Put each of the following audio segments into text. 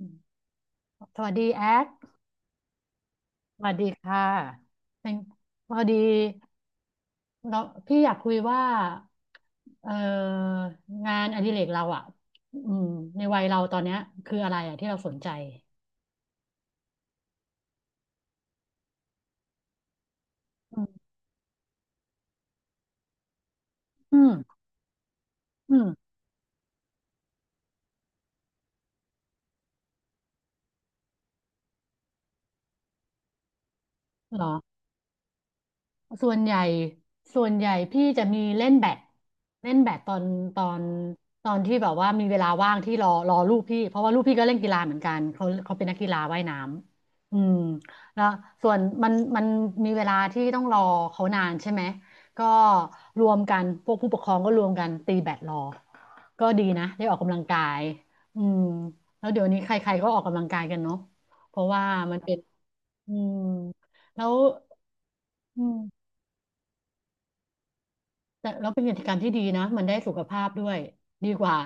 อืมสวัสดีแอคสวัสดีค่ะเป็นพอดีเราพี่อยากคุยว่าเอ่องานอดิเรกเราอ่ะอืมในวัยเราตอนเนี้ยคืออะไรอ่ะที่เราสนใจอืมอืมอืมเหรอ ส่วนใหญ่ส่วนใหญ่พี่จะมีเล่นแบดเล่นแบดตอนตอนที่แบบว่ามีเวลาว่างที่รอลูกพี่เพราะว่าลูกพี่ก็เล่นกีฬาเหมือนกันเขาเป็นนักกีฬาว่ายน้ำอืมแล้วส่วนมันมีเวลาที่ต้องรอเขานานใช่ไหมก็รวมกันพวกผู้ปกครองก็รวมกันตีแบดรอก็ดีนะได้ออกกำลังกายอืมแล้วเดี๋ยวนี้ใครๆก็ออกกำลังกายกันเนาะเพราะว่ามันเป็นอืมแล้วอืม แต่แล้วเป็นกิจกรรมที่ดีนะมันได้สุขภาพด้วยดีกว่า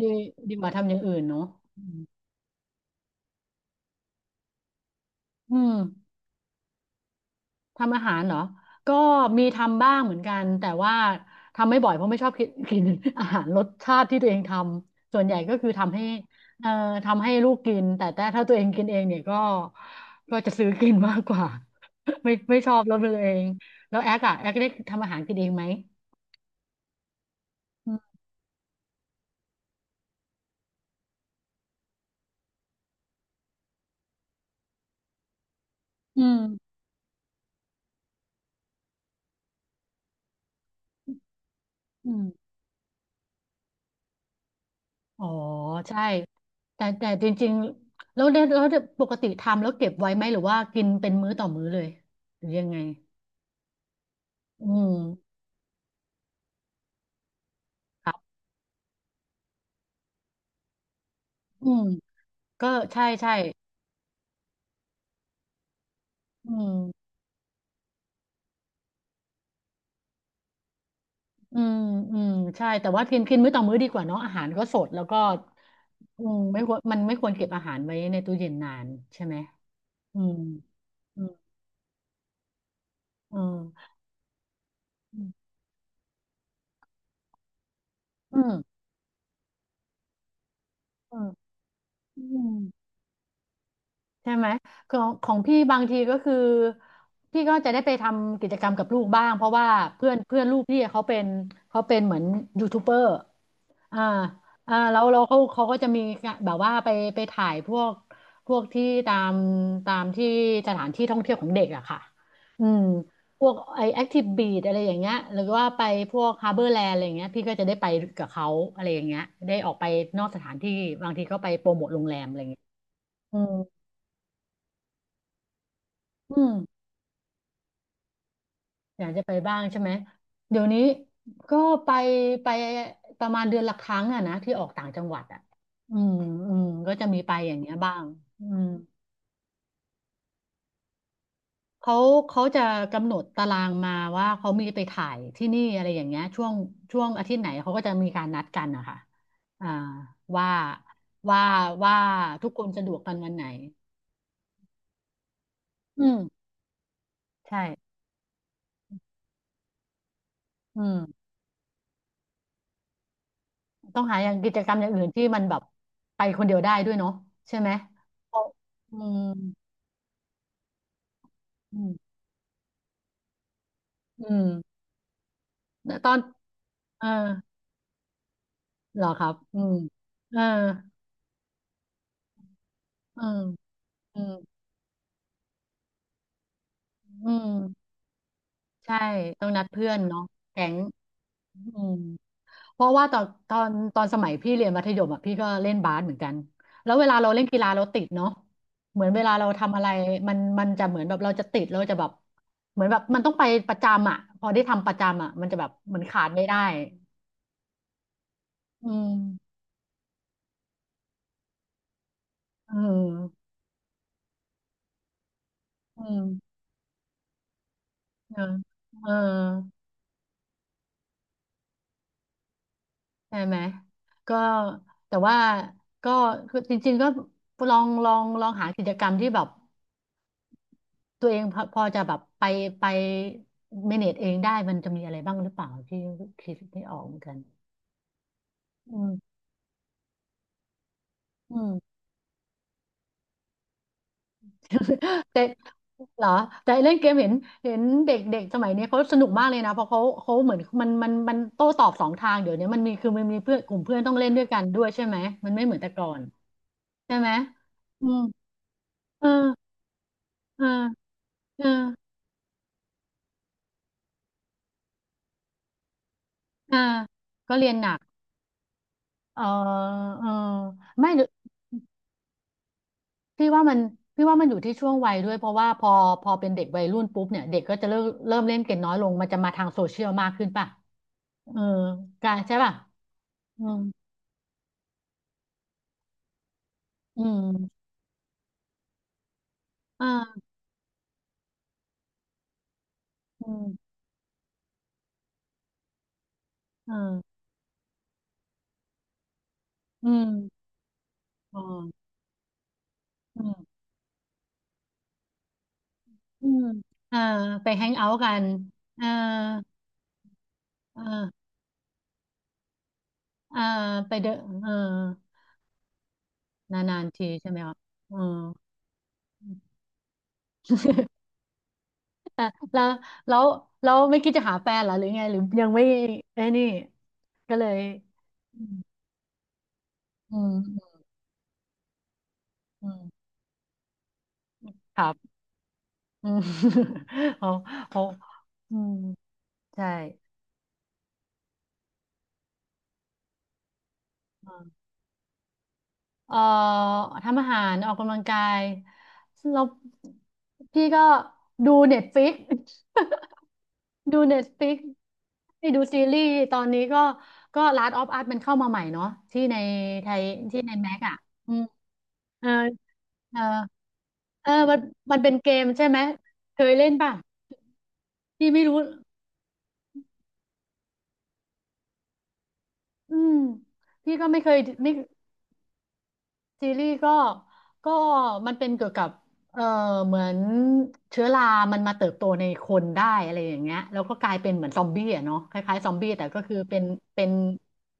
ดีดีกว่าทำอย่างอื่นเนาะอืมอืมทำอาหารเหรอก็มีทำบ้างเหมือนกันแต่ว่าทำไม่บ่อยเพราะไม่ชอบกิน กิน อาหารรสชาติที่ตัวเองทำส่วนใหญ่ก็คือทำให้เอ่อทำให้ลูกกินแต่ถ้าตัวเองกินเองเนี่ยก็ก็จะซื้อกินมากกว่า ไม่ชอบรสมือเองแล้วแอ๊กอะแอ๊กได้ทำอาหารกินเองไหมอืมอืมอืม อ๋อใช่แต่จริงๆแล้วเนี่ยแล้วปกติทำแล้วเก็บไว้ไหมหรือว่ากินเป็นมื้อต่อมื้อเลยหรือยังไงอืมครับอืมก็ใช่อืมอืมอืมใช่แต่ว่ากินกินมื้อต่อมื้อดีกว่าเนาะอาหารก็สดแล้วก็อืมไม่ควรมันไม่ควรเก็บอาหารไว้ในตู้เย็นนานใช่ไหมอืมอืมอืมอืมอืม ใช่ไหมของของพี่บางทีก็คือพี่ก็จะได้ไปทำกิจกรรมกับลูกบ้างเพราะว่าเพื่อนเพื่อนลูกพี่เขาเป็นเขาเป็นเหมือนยูทูบเบอร์อ่าอ่าแล้วเราเขาก็จะมีแบบว่าไปไปถ่ายพวกพวกที่ตามตามที่สถานที่ท่องเที่ยวของเด็กอะค่ะอืมพวกไอแอคทีฟบีดอะไรอย่างเงี้ยหรือว่าไปพวกฮาร์เบอร์แลนด์อะไรอย่างเงี้ยพี่ก็จะได้ไปกับเขาอะไรอย่างเงี้ยได้ออกไปนอกสถานที่บางทีก็ไปโปรโมทโรงแรมอะไรอย่างเงี้ยอืมอืม อยากจะไปบ้างใช่ไหม เดี๋ยวนี้ก็ไปไปประมาณเดือนละครั้งอะนะที่ออกต่างจังหวัดอะอืมอืมก็จะมีไปอย่างเงี้ยบ้างอืมเขาเขาจะกำหนดตารางมาว่าเขามีไปถ่ายที่นี่อะไรอย่างเงี้ยช่วงอาทิตย์ไหนเขาก็จะมีการนัดกันนะคะอ่าว่าว่าว่าทุกคนสะดวกกันวันไหนอืมใช่อืมต้องหาอย่างกิจกรรมอย่างอื่นที่มันแบบไปคนเดียวได้ด้วยเนาะใช่ไหมเพราะอืม อืมอืมตอนเออเหรอครับอืมเออเอออืมอืมใช่ต้องนัดเพื่อนเนาะแก๊งอืมเพราะว่าตอนตอนตอนสมัยพี่เรียนมัธยมอ่ะพี่ก็เล่นบาสเหมือนกันแล้วเวลาเราเล่นกีฬาเราติดเนาะเหมือนเวลาเราทำอะไรมันจะเหมือนแบบเราจะติดเราจะแบบเหมือนแบบมันต้องไปประจำอ่ะพอได้ทำประจำอ่ะมันจะแบบเหมือนขาดไม่ได้อืมอืมอืมเออเออ ใช่ไหมก็แต่ว่าก็คือจริงๆก็ลองหากิจกรรมที่แบบตัวเองพอจะแบบไปไปเมเนจเองได้มันจะมีอะไรบ้างหรือเปล่าที่คิดไม่ออกเหมือนกันอืมอืมแต่เหรอแต่เล่นเกมเห็นเห็นเด็กเด็กสมัยนี้เขาสนุกมากเลยนะเพราะเขาเหมือนมันโต้ตอบสองทางเดี๋ยวนี้มันมีคือมันมีเพื่อนกลุ่มเพื่อนต้องเล่นด้วยกันด้วยใช่ไหมมันไม่เหมือนแต่ก่อนใช่ไหมอืมเออเออเออ อ่าก็เรียนหนักเออเออไม่หรือพี่ว่ามันพี่ว่ามันอยู่ที่ช่วงวัยด้วยเพราะว่าพอพอเป็นเด็กวัยรุ่นปุ๊บเนี่ยเด็กก็จะเริ่มเล่นเกมน้อยลงมันจะมาทางโซเชียลมากขึ้นป่ะเออการใช่ป่ะอืมอืมอ่าอืมอ่าอืมอ๋ออืมอืมอ่าไปแฮงเอาท์กันอ่าอ่าอ่าไปเดนเออนานๆทีใช่ไหมครับอืม อ่ะแล้วแล้วแล้วไม่คิดจะหาแฟนเหรอหรือไงหรือยังไม่ไอ้นี่ก็เลยอืมอืมอืมครับ อืม เขาเขาอืมใช่อ่าเอ่อทำอาหารออกกำลังกายแล้วพี่ก็ดูเน็ตฟิก ดูเน็ตฟิกที่ดูซีรีส์ตอนนี้ก็ก็ Last of Us มันเข้ามาใหม่เนาะที่ในไทยที่ในแม็กอะอืมเออเออ เออมันเป็นเกมใช่ไหมเคยเล่นป่ะพี่ไม่รู้อืมพี่ก็ไม่เคยไม่ซีรีส์ก็มันเป็นเกี่ยวกับเออเหมือนเชื้อรามันมาเติบโตในคนได้อะไรอย่างเงี้ยแล้วก็กลายเป็นเหมือนซอมบี้อ่ะเนาะคล้ายๆซอมบี้แต่ก็คือเป็น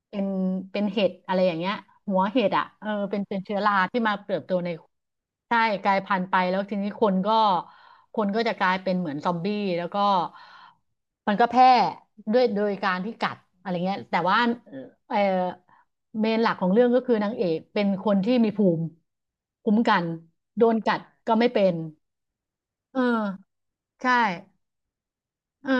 เป็นเป็นเห็ดอะไรอย่างเงี้ยหัวเห็ดอ่ะเออเป็นเชื้อราที่มาเติบโตในใช่กลายพันธุ์ไปแล้วทีนี้คนก็จะกลายเป็นเหมือนซอมบี้แล้วก็มันก็แพร่ด้วยโดยการที่กัดอะไรเงี้ยแต่ว่าเออเมนหลักของเรื่องก็คือนางเอกเป็นคนที่มีภูมิคุ้มกันโดนกัดก็ไม่เป็นเออใช่เออ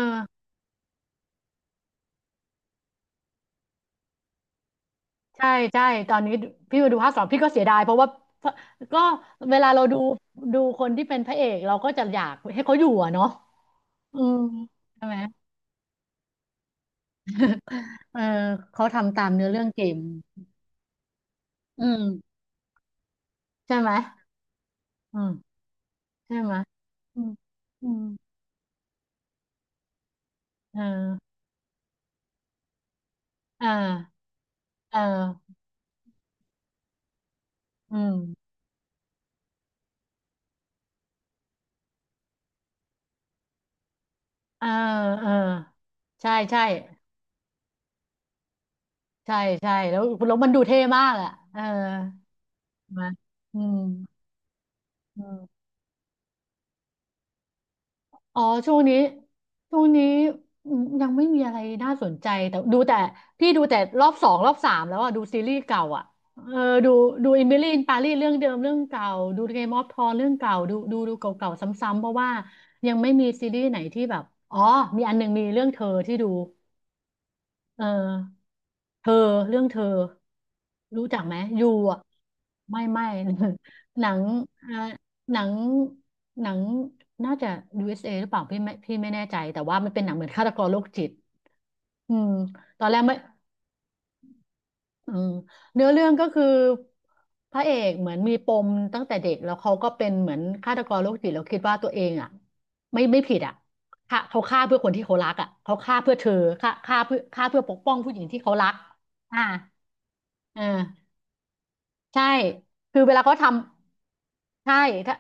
ใช่ใช่ตอนนี้พี่มาดูภาคสองพี่ก็เสียดายเพราะว่าก็เวลาเราดูคนที่เป็นพระเอกเราก็จะอยากให้เขาอยู่อะเนาะอืมใช่ไหมเออเขาทำตามเนื้อเรื่องเกมอืมใช่ไหม อืมใช่ไหมอืมอืมเออเออเอออืมเออเออใช่ใช่ใช่ใช่แล้วแล้วมันดูเท่มากอ่ะเออใช่ไหมาอืมอืม อ๋อช่วงนี้ช่วงนี้อืมยังไม่มีอะไรน่าสนใจแต่ดูแต่พี่ดูแต่รอบสองรอบสามแล้วอ่ะดูซีรีส์เก่าอ่ะเออดูดูอิมิลี่อินปารีเรื่องเดิมเรื่องเก่าดูเกมออฟทรอนเรื่องเก่าดูเก่าๆซ้ำๆเพราะว่ายังไม่มีซีรีส์ไหนที่แบบอ๋อมีอันหนึ่งมีเรื่องเธอที่ดู เอเธอเรื่องเธอรู้จักไหมยูอ่ะไม่ไม่ หนังอ่าหนังหนังน่าจะยูเอสเอหรือเปล่าพี่ไม่พี่ไม่แน่ใจแต่ว่ามันเป็นหนังเหมือนฆาตกรโรคจิตอืมตอนแรกไม่อืมเนื้อเรื่องก็คือพระเอกเหมือนมีปมตั้งแต่เด็กแล้วเขาก็เป็นเหมือนฆาตกรโรคจิตแล้วคิดว่าตัวเองอ่ะไม่ไม่ผิดอ่ะฆ่าเขาฆ่าเพื่อคนที่เขารักอ่ะเขาฆ่าเพื่อเธอฆ่าเพื่อปกป้องผู้หญิงที่เขารักอ่า เออใช่คือเวลาเขาทำใช่ถ้า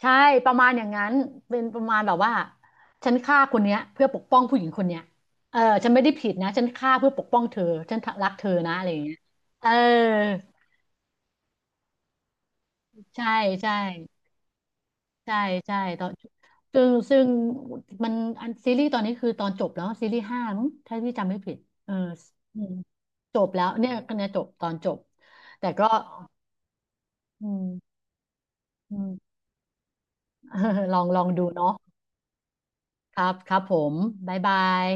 ใช่ประมาณอย่างนั้นเป็นประมาณแบบว่าฉันฆ่าคนเนี้ยเพื่อปกป้องผู้หญิงคนเนี้ยเออฉันไม่ได้ผิดนะฉันฆ่าเพื่อปกป้องเธอฉันรักเธอนะอะไรอย่างเงี้ยเออใช่ใช่ใช่ใช่ตอนซึ่งมันอันซีรีส์ตอนนี้คือตอนจบแล้วซีรีส์ห้ามั้งถ้าพี่จำไม่ผิดเอออืมจบแล้วเนี่ยคะแนนจบตอนจบแต่ก็อืม เออลองลองดูเนาะครับครับผมบ๊ายบาย